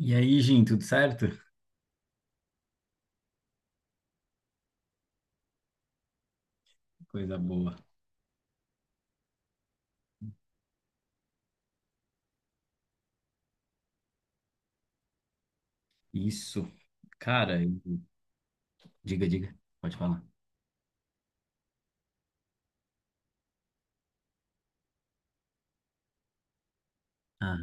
E aí, Jim, tudo certo? Coisa boa. Isso. Cara, eu- diga, diga. Pode falar. Ah,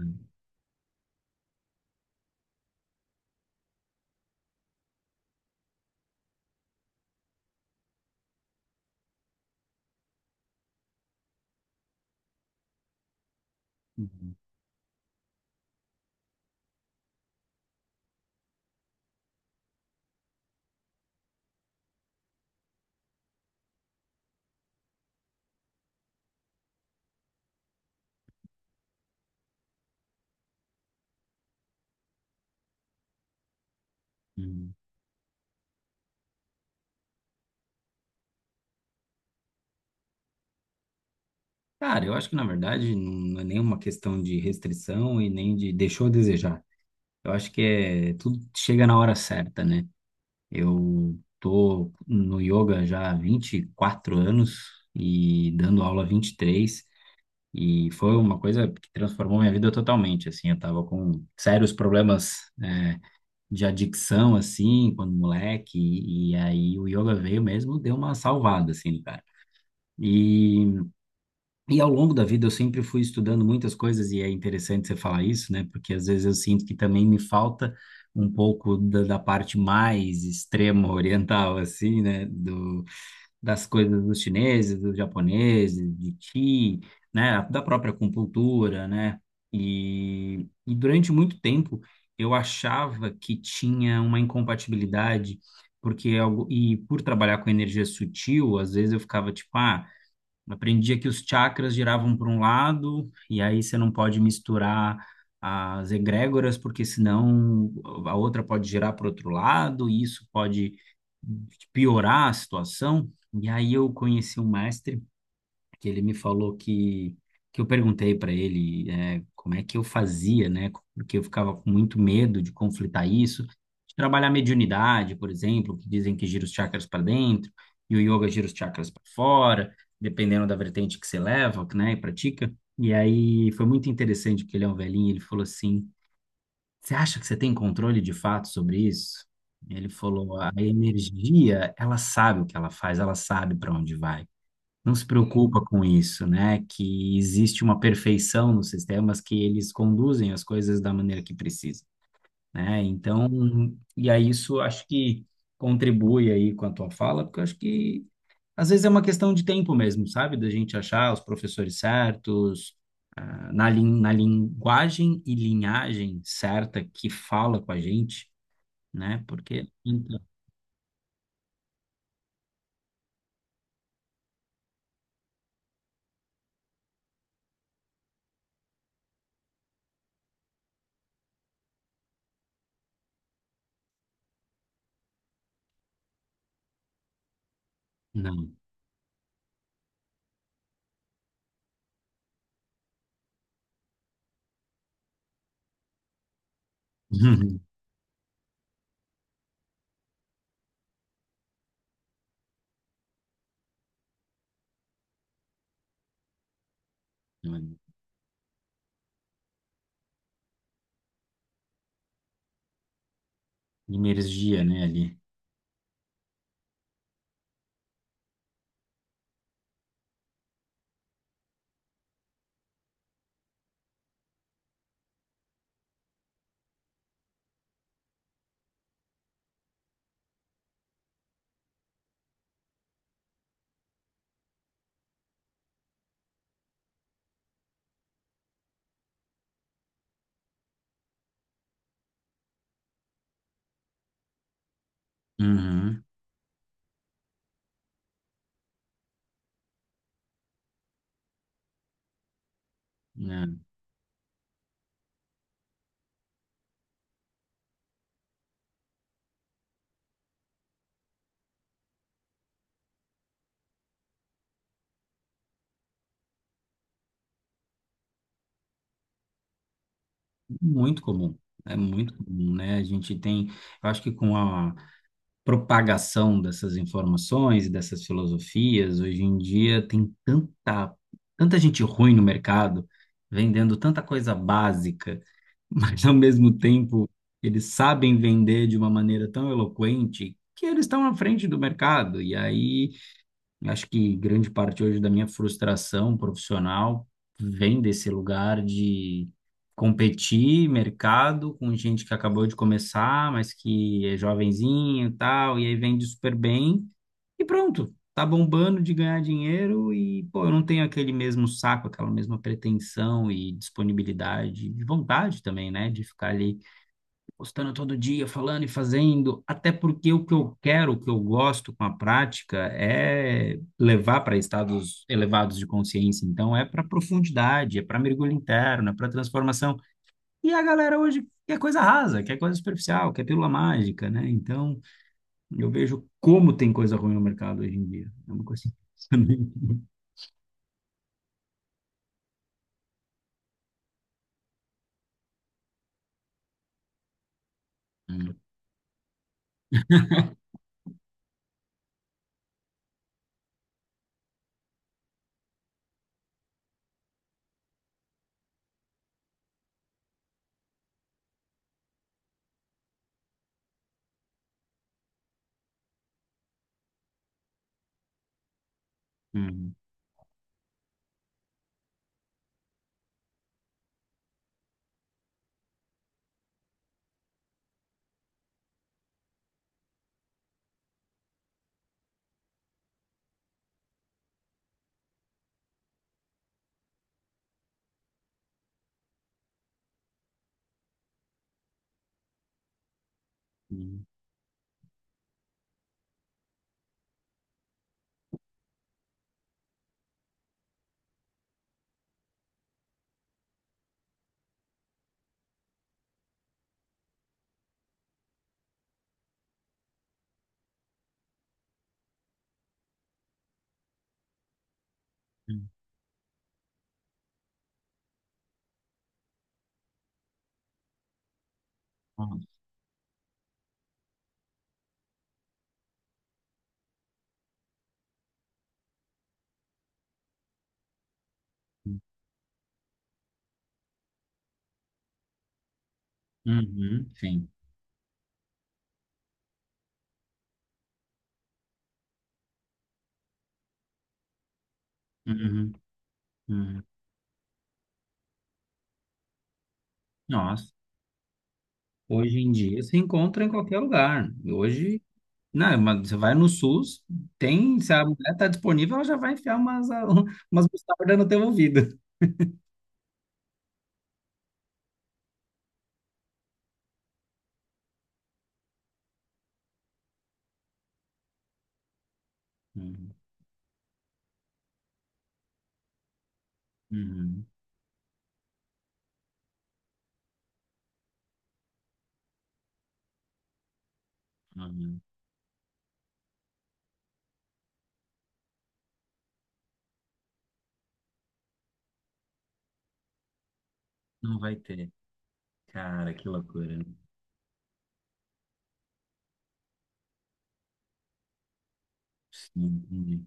uhum, uhum. Cara, eu acho que na verdade não é nenhuma questão de restrição e nem de deixou a desejar. Eu acho que é tudo chega na hora certa, né? Eu tô no yoga já há 24 anos e dando aula há 23 e três e foi uma coisa que transformou minha vida totalmente, assim, eu tava com sérios problemas de adicção, assim, quando moleque, e aí o yoga veio mesmo, deu uma salvada, assim, cara. E ao longo da vida eu sempre fui estudando muitas coisas, e é interessante você falar isso, né? Porque às vezes eu sinto que também me falta um pouco da parte mais extrema oriental, assim, né? Do, das coisas dos chineses, dos japoneses, de ti, né? Da própria acupuntura, né? E durante muito tempo eu achava que tinha uma incompatibilidade, porque é algo, e por trabalhar com energia sutil, às vezes eu ficava tipo, ah, aprendia que os chakras giravam para um lado, e aí você não pode misturar as egrégoras, porque senão a outra pode girar para outro lado, e isso pode piorar a situação. E aí eu conheci um mestre que ele me falou que eu perguntei para ele como é que eu fazia, né? Porque eu ficava com muito medo de conflitar isso, de trabalhar mediunidade, por exemplo, que dizem que gira os chakras para dentro e o yoga gira os chakras para fora, dependendo da vertente que você leva, né, e pratica. E aí foi muito interessante porque ele é um velhinho, ele falou assim: "Você acha que você tem controle de fato sobre isso?" Ele falou: "A energia, ela sabe o que ela faz, ela sabe para onde vai." Não se preocupa com isso, né? Que existe uma perfeição nos sistemas que eles conduzem as coisas da maneira que precisa, né? Então, e aí isso acho que contribui aí com a tua fala, porque eu acho que às vezes é uma questão de tempo mesmo, sabe? Da gente achar os professores certos, ah, na linguagem e linhagem certa que fala com a gente, né? Porque então, não, não é energia, né, ali. Uhum. Muito comum, é muito comum, né? A gente tem, eu acho que com a propagação dessas informações e dessas filosofias, hoje em dia tem tanta, tanta gente ruim no mercado, vendendo tanta coisa básica, mas ao mesmo tempo eles sabem vender de uma maneira tão eloquente que eles estão à frente do mercado. E aí eu acho que grande parte hoje da minha frustração profissional vem desse lugar de competir mercado com gente que acabou de começar, mas que é jovenzinho e tal, e aí vende super bem e pronto, tá bombando de ganhar dinheiro e pô, eu não tenho aquele mesmo saco, aquela mesma pretensão e disponibilidade, de vontade também, né, de ficar ali postando todo dia, falando e fazendo, até porque o que eu quero, o que eu gosto com a prática é levar para estados elevados de consciência. Então, é para profundidade, é para mergulho interno, é para transformação. E a galera hoje quer coisa rasa, quer coisa superficial, quer pílula mágica, né? Então, eu vejo como tem coisa ruim no mercado hoje em dia. É uma coisa impressionante. Hum, hum, hum, hum. Nossa. Uhum, sim. Uhum, uhum. Nossa. Hoje em dia se encontra em qualquer lugar. Hoje, não, mas você vai no SUS, tem, se a mulher está disponível, ela já vai enfiar umas, a- umas mostarda no teu ouvido. Uhum, uhum, uhum. Não vai ter. Cara, que loucura. Sim, entendi.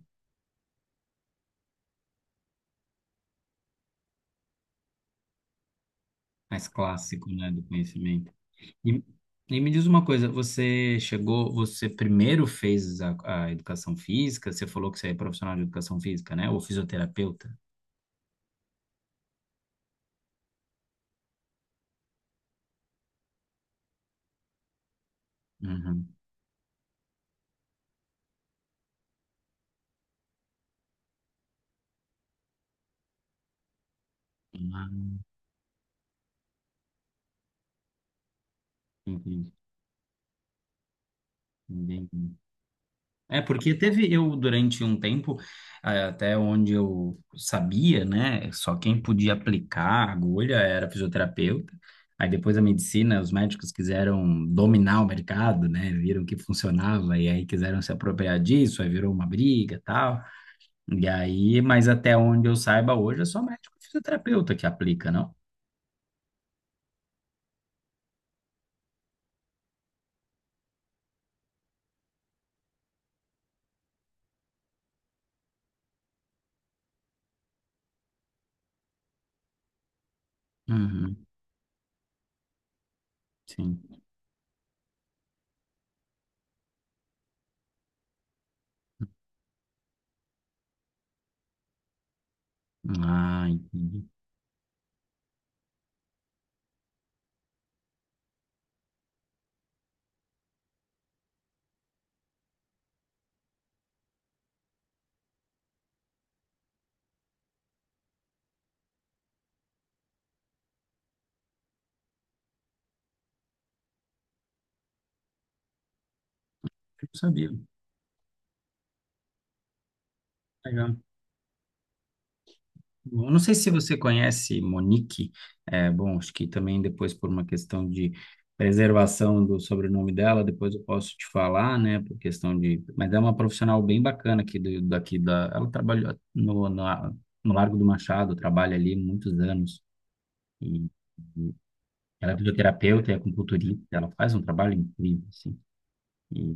Mais clássico, né, do conhecimento. E, e me diz uma coisa, você chegou, você primeiro fez a educação física, você falou que você é profissional de educação física, né? Ou fisioterapeuta? Uhum. Ah, entendi, entendi. É, porque teve eu durante um tempo, eh, até onde eu sabia, né? Só quem podia aplicar a agulha era fisioterapeuta. Aí depois a medicina, os médicos quiseram dominar o mercado, né? Viram que funcionava e aí quiseram se apropriar disso, aí virou uma briga e tal. E aí, mas até onde eu saiba hoje é só médico e fisioterapeuta que aplica, não? Uhum, sim. Ah, entendi. Eu não sabia. Eu não sei se você conhece Monique, é, bom, acho que também depois por uma questão de preservação do sobrenome dela, depois eu posso te falar, né, por questão de... Mas é uma profissional bem bacana aqui do, daqui da... Ela trabalhou no, na- no Largo do Machado, trabalha ali muitos anos, e, e ela é fisioterapeuta, é acupunturista, ela faz um trabalho incrível, assim. E-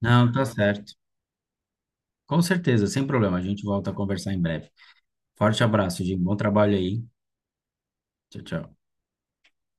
Não, tá certo. Com certeza, sem problema, a gente volta a conversar em breve. Forte abraço, Jim, bom trabalho aí. Tchau, tchau.